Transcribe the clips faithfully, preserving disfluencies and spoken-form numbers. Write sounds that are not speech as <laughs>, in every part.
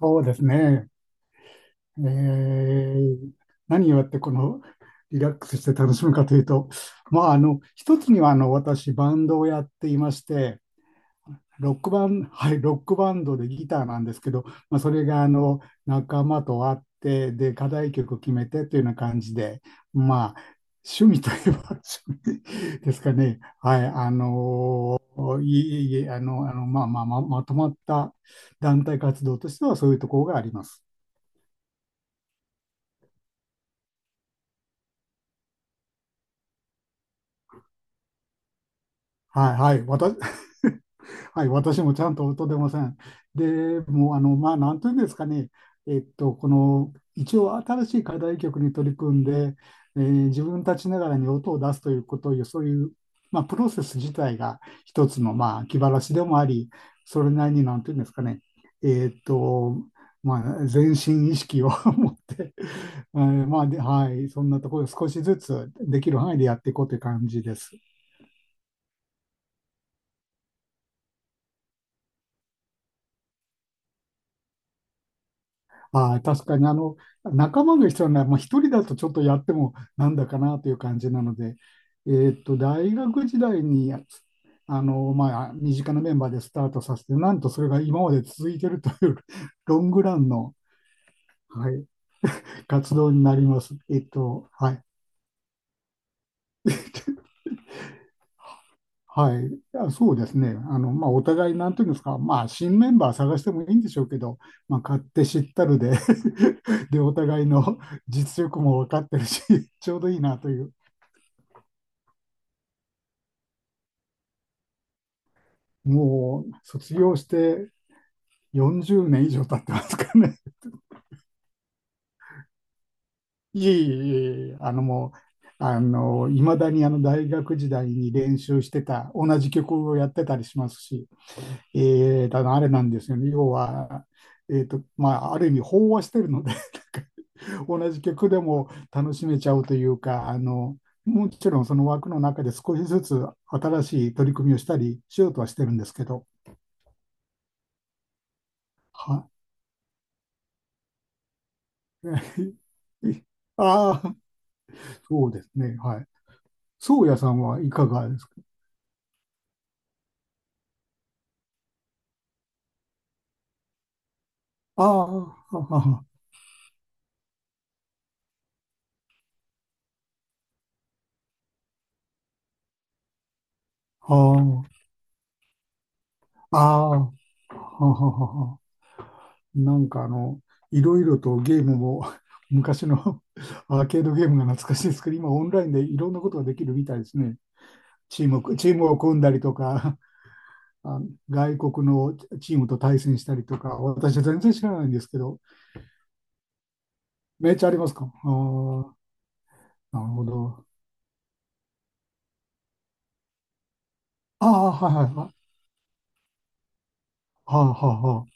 そうですね。えー何をやってこのリラックスして楽しむかというと、まあ、あの、一つにはあの私、バンドをやっていまして、ロックバン、<laughs> はい、ロックバンドでギターなんですけど、まあ、それがあの仲間と会って、で、課題曲を決めてというような感じで、まあ、趣味といえば <laughs> 趣味ですかね。はい、あのーいえいえいえ、あの、あの、まあまあまあ、まとまった団体活動としてはそういうところがあります。はい、はい、私、<laughs> はい、私もちゃんと音出ません。で、もう、あの、まあ、なんというんですかね、えっと、この、一応、新しい課題曲に取り組んで、えー自分たちながらに音を出すということをいう、そういう、まあ、プロセス自体が一つの、まあ、気晴らしでもあり、それなりに、なんというんですかね、えっと、まあ、全身意識を <laughs> 持って、えーまあ、で、はい、そんなところ、少しずつできる範囲でやっていこうという感じです。はい、確かにあの仲間が必要なら、まあ、一人だとちょっとやってもなんだかなという感じなので、えーっと、大学時代にあの、まあ、身近なメンバーでスタートさせて、なんとそれが今まで続いてるという <laughs> ロングランの、はい、活動になります。えっと、はい、はい、あそうですね、あのまあ、お互い、なんていうんですか、まあ、新メンバー探してもいいんでしょうけど、まあ、勝手知ったるで <laughs> で、お互いの実力も分かってるし、<laughs> ちょうどいいなという、もう卒業してよんじゅうねん以上経ってますかね。<laughs> いえいえいえいえ、あのもう、あの、いまだにあの大学時代に練習してた、同じ曲をやってたりしますし、えー、ただあれなんですよね。要は、えーと、まあ、ある意味飽和してるので、<laughs> なんか同じ曲でも楽しめちゃうというか、あの、もちろんその枠の中で少しずつ新しい取り組みをしたりしようとはしてるんですけど、は、<laughs> ああ、そうですね。はい。宗谷さんはいかがですか？ああ、ああ、ああ、ああ、はははは。なんかあの、いろいろとゲームも <laughs> 昔の <laughs> アーケードゲームが懐かしいですけど、今オンラインでいろんなことができるみたいですね。チーム、チームを組んだりとか、<laughs> あ外国のチームと対戦したりとか、私は全然知らないんですけど、めっちゃありますか？ああ、なるほど。ああ、はいはいはい。はあはあは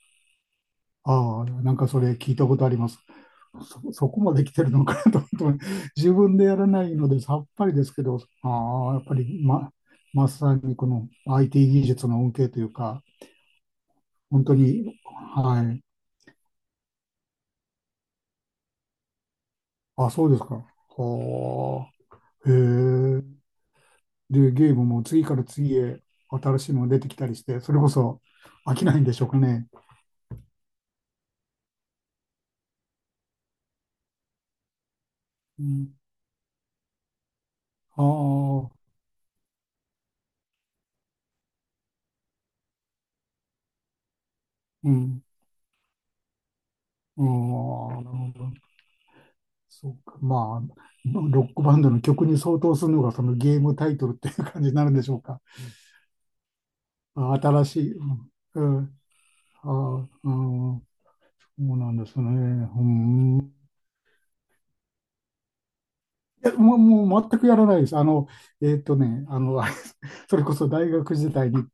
あ。ああ、なんかそれ聞いたことあります。そ、そこまで来てるのかなと思って、<laughs> 自分でやらないのでさっぱりですけど、ああ、やっぱりま、まさにこの アイティー 技術の恩恵というか、本当に、はい。あ、そうですか。はあ。へえ。で、ゲームも次から次へ新しいのが出てきたりして、それこそ飽きないんでしょうかね。うん、ああ、うん。ああ、なるほど。そうか、まあ、ロックバンドの曲に相当するのがそのゲームタイトルっていう感じになるんでしょうか。あ新しい。うん、うん、あ、うん、そうなんですね。うん。いや、もう、もう全くやらないです。あの、えーっとね、あの、<laughs> それこそ大学時代に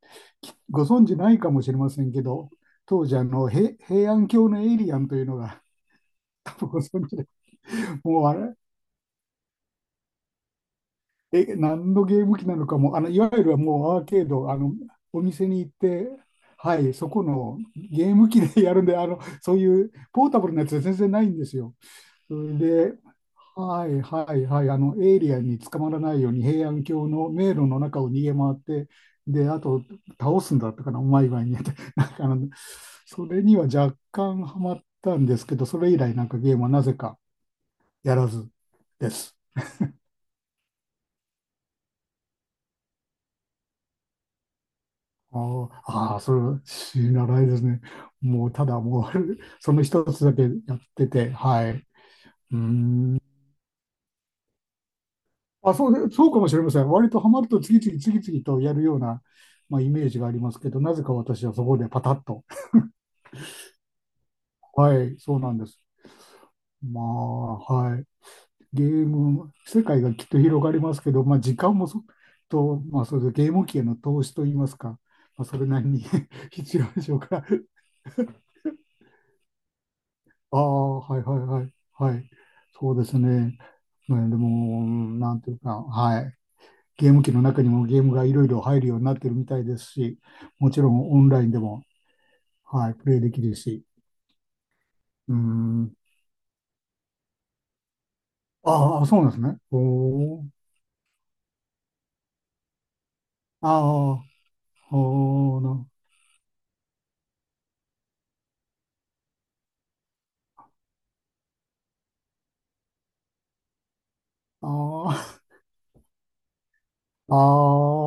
きご存知ないかもしれませんけど、当時あの、へ平安京のエイリアンというのが <laughs> ご存知で、もうあれ、え、何のゲーム機なのかも、あの、いわゆるもうアーケード、あの、お店に行って、はい、そこのゲーム機で <laughs> やるんで、あの、そういうポータブルなやつは全然ないんですよ。それで、はいはいはい、あの、エイリアンに捕まらないように平安京の迷路の中を逃げ回って、で、あと、倒すんだったかな、うまい具合にやって、<laughs> なんかあの、それには若干ハマったんですけど、それ以来なんかゲームはなぜかやらずです。ああ、ああそれは知らないですね。もう、ただもう <laughs> その一つだけやってて、はい。うーん。あ、そうで、そうかもしれません。割とハマると次々次々とやるような、まあ、イメージがありますけど、なぜか私はそこでパタッと。はい、そうなんです。まあ、はい。ゲーム、世界がきっと広がりますけど、まあ、時間もそ、と、まあ、それでゲーム機への投資といいますか、まあ、それなりに <laughs> 必要でしょうから。ああ、はいはいはい。はい。そうですね。ねでも、なんていうか、はい。ゲーム機の中にもゲームがいろいろ入るようになってるみたいですし、もちろんオンラインでも、はい、プレイできるし。うん。ああ、そうなんですね。おー。ああ、ほーな。ああ、ああ、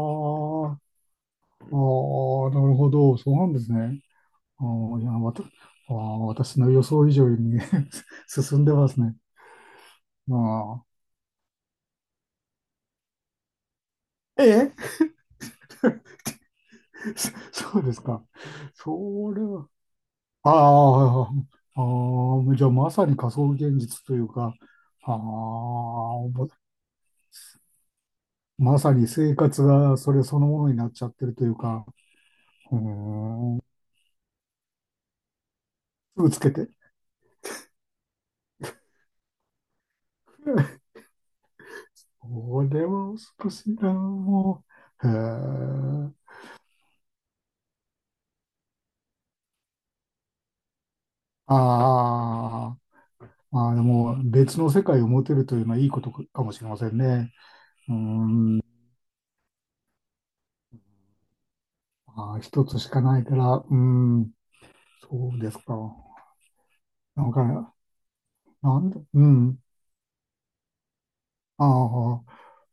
ああ、なるほど。そうなんですね。ああ、いや、わた、ああ、私の予想以上に <laughs> 進んでますね。ああ。ええ <laughs> そそうですか。それは、ああ、ああ、じゃあまさに仮想現実というか、ああ、ぼまさに生活がそれそのものになっちゃってるというか、うーん、すぐつけて。これは少しな、もう。へえ。ああ、まあでも別の世界を持てるというのはいいことかもしれませんね。うん、まあー一つしかないから、うん、そうですか。なんか、なんでうん、ああ。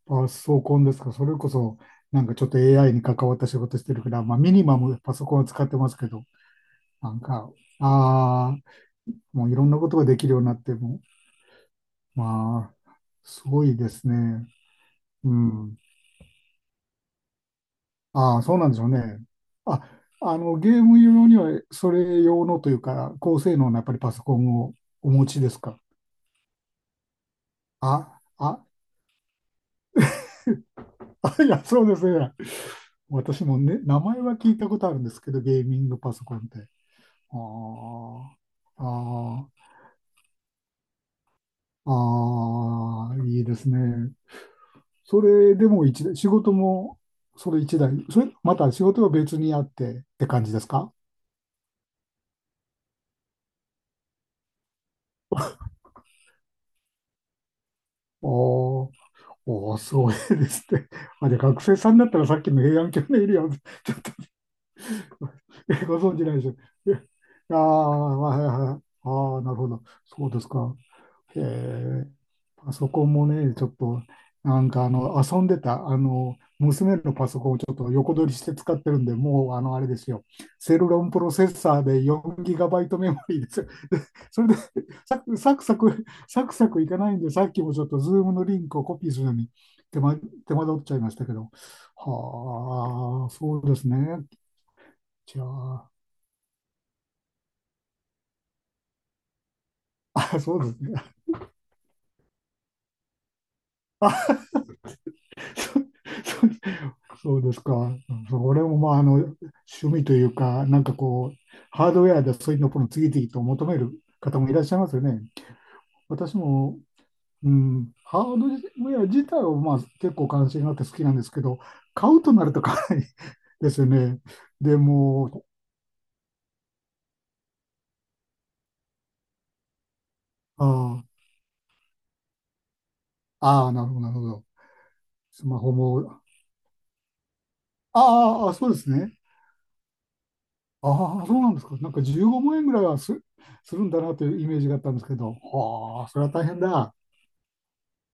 パソコンですか。それこそ、なんかちょっと エーアイ に関わった仕事してるから、まあミニマムパソコンは使ってますけど、なんか、ああ、もういろんなことができるようになっても、まあ、すごいですね。うん。ああ、そうなんでしょうね。あ、あの、ゲーム用には、それ用のというか、高性能なやっぱりパソコンをお持ちですか？あ、あ、<laughs> あ、いや、そうですね。私もね、名前は聞いたことあるんですけど、ゲーミングパソコンって。ああ、ああ、ああ、いいですね。それでも一台、仕事もそれ一台、それ、また仕事は別にあってって感じですか？おーおー、すごいですね。<laughs> まあ、で、学生さんだったらさっきの平安京のエリア、ちょっとえご存知ないでしょ。えああ、はいはいはい。ああ、なるほど。そうですか。へえパソコンもね、ちょっと、なんかあの、遊んでた、あの、娘のパソコンをちょっと横取りして使ってるんで、もう、あの、あれですよ、セルロンプロセッサーで よんギガバイト メモリーですよ。<laughs> それで、サクサク、サクサクサクいかないんで、さっきもちょっと、ズームのリンクをコピーするのに手間、手間取っちゃいましたけど、はあ、そうですね。じゃあ、あ、そうですね。<laughs> そうそうそうですか。そう俺もまあ、あの、趣味というか、なんかこう、ハードウェアでそういうのを次々と求める方もいらっしゃいますよね。私も、うん、ハードウェア自体はまあ結構関心があって好きなんですけど、買うとなるとかなり <laughs> ですよね。でも、ああ、ああ、なるほど、なるほど。スマホも、ああ、そうですね。ああ、そうなんですか。なんか15万円ぐらいはす、するんだなというイメージがあったんですけど、はあ、それは大変だ。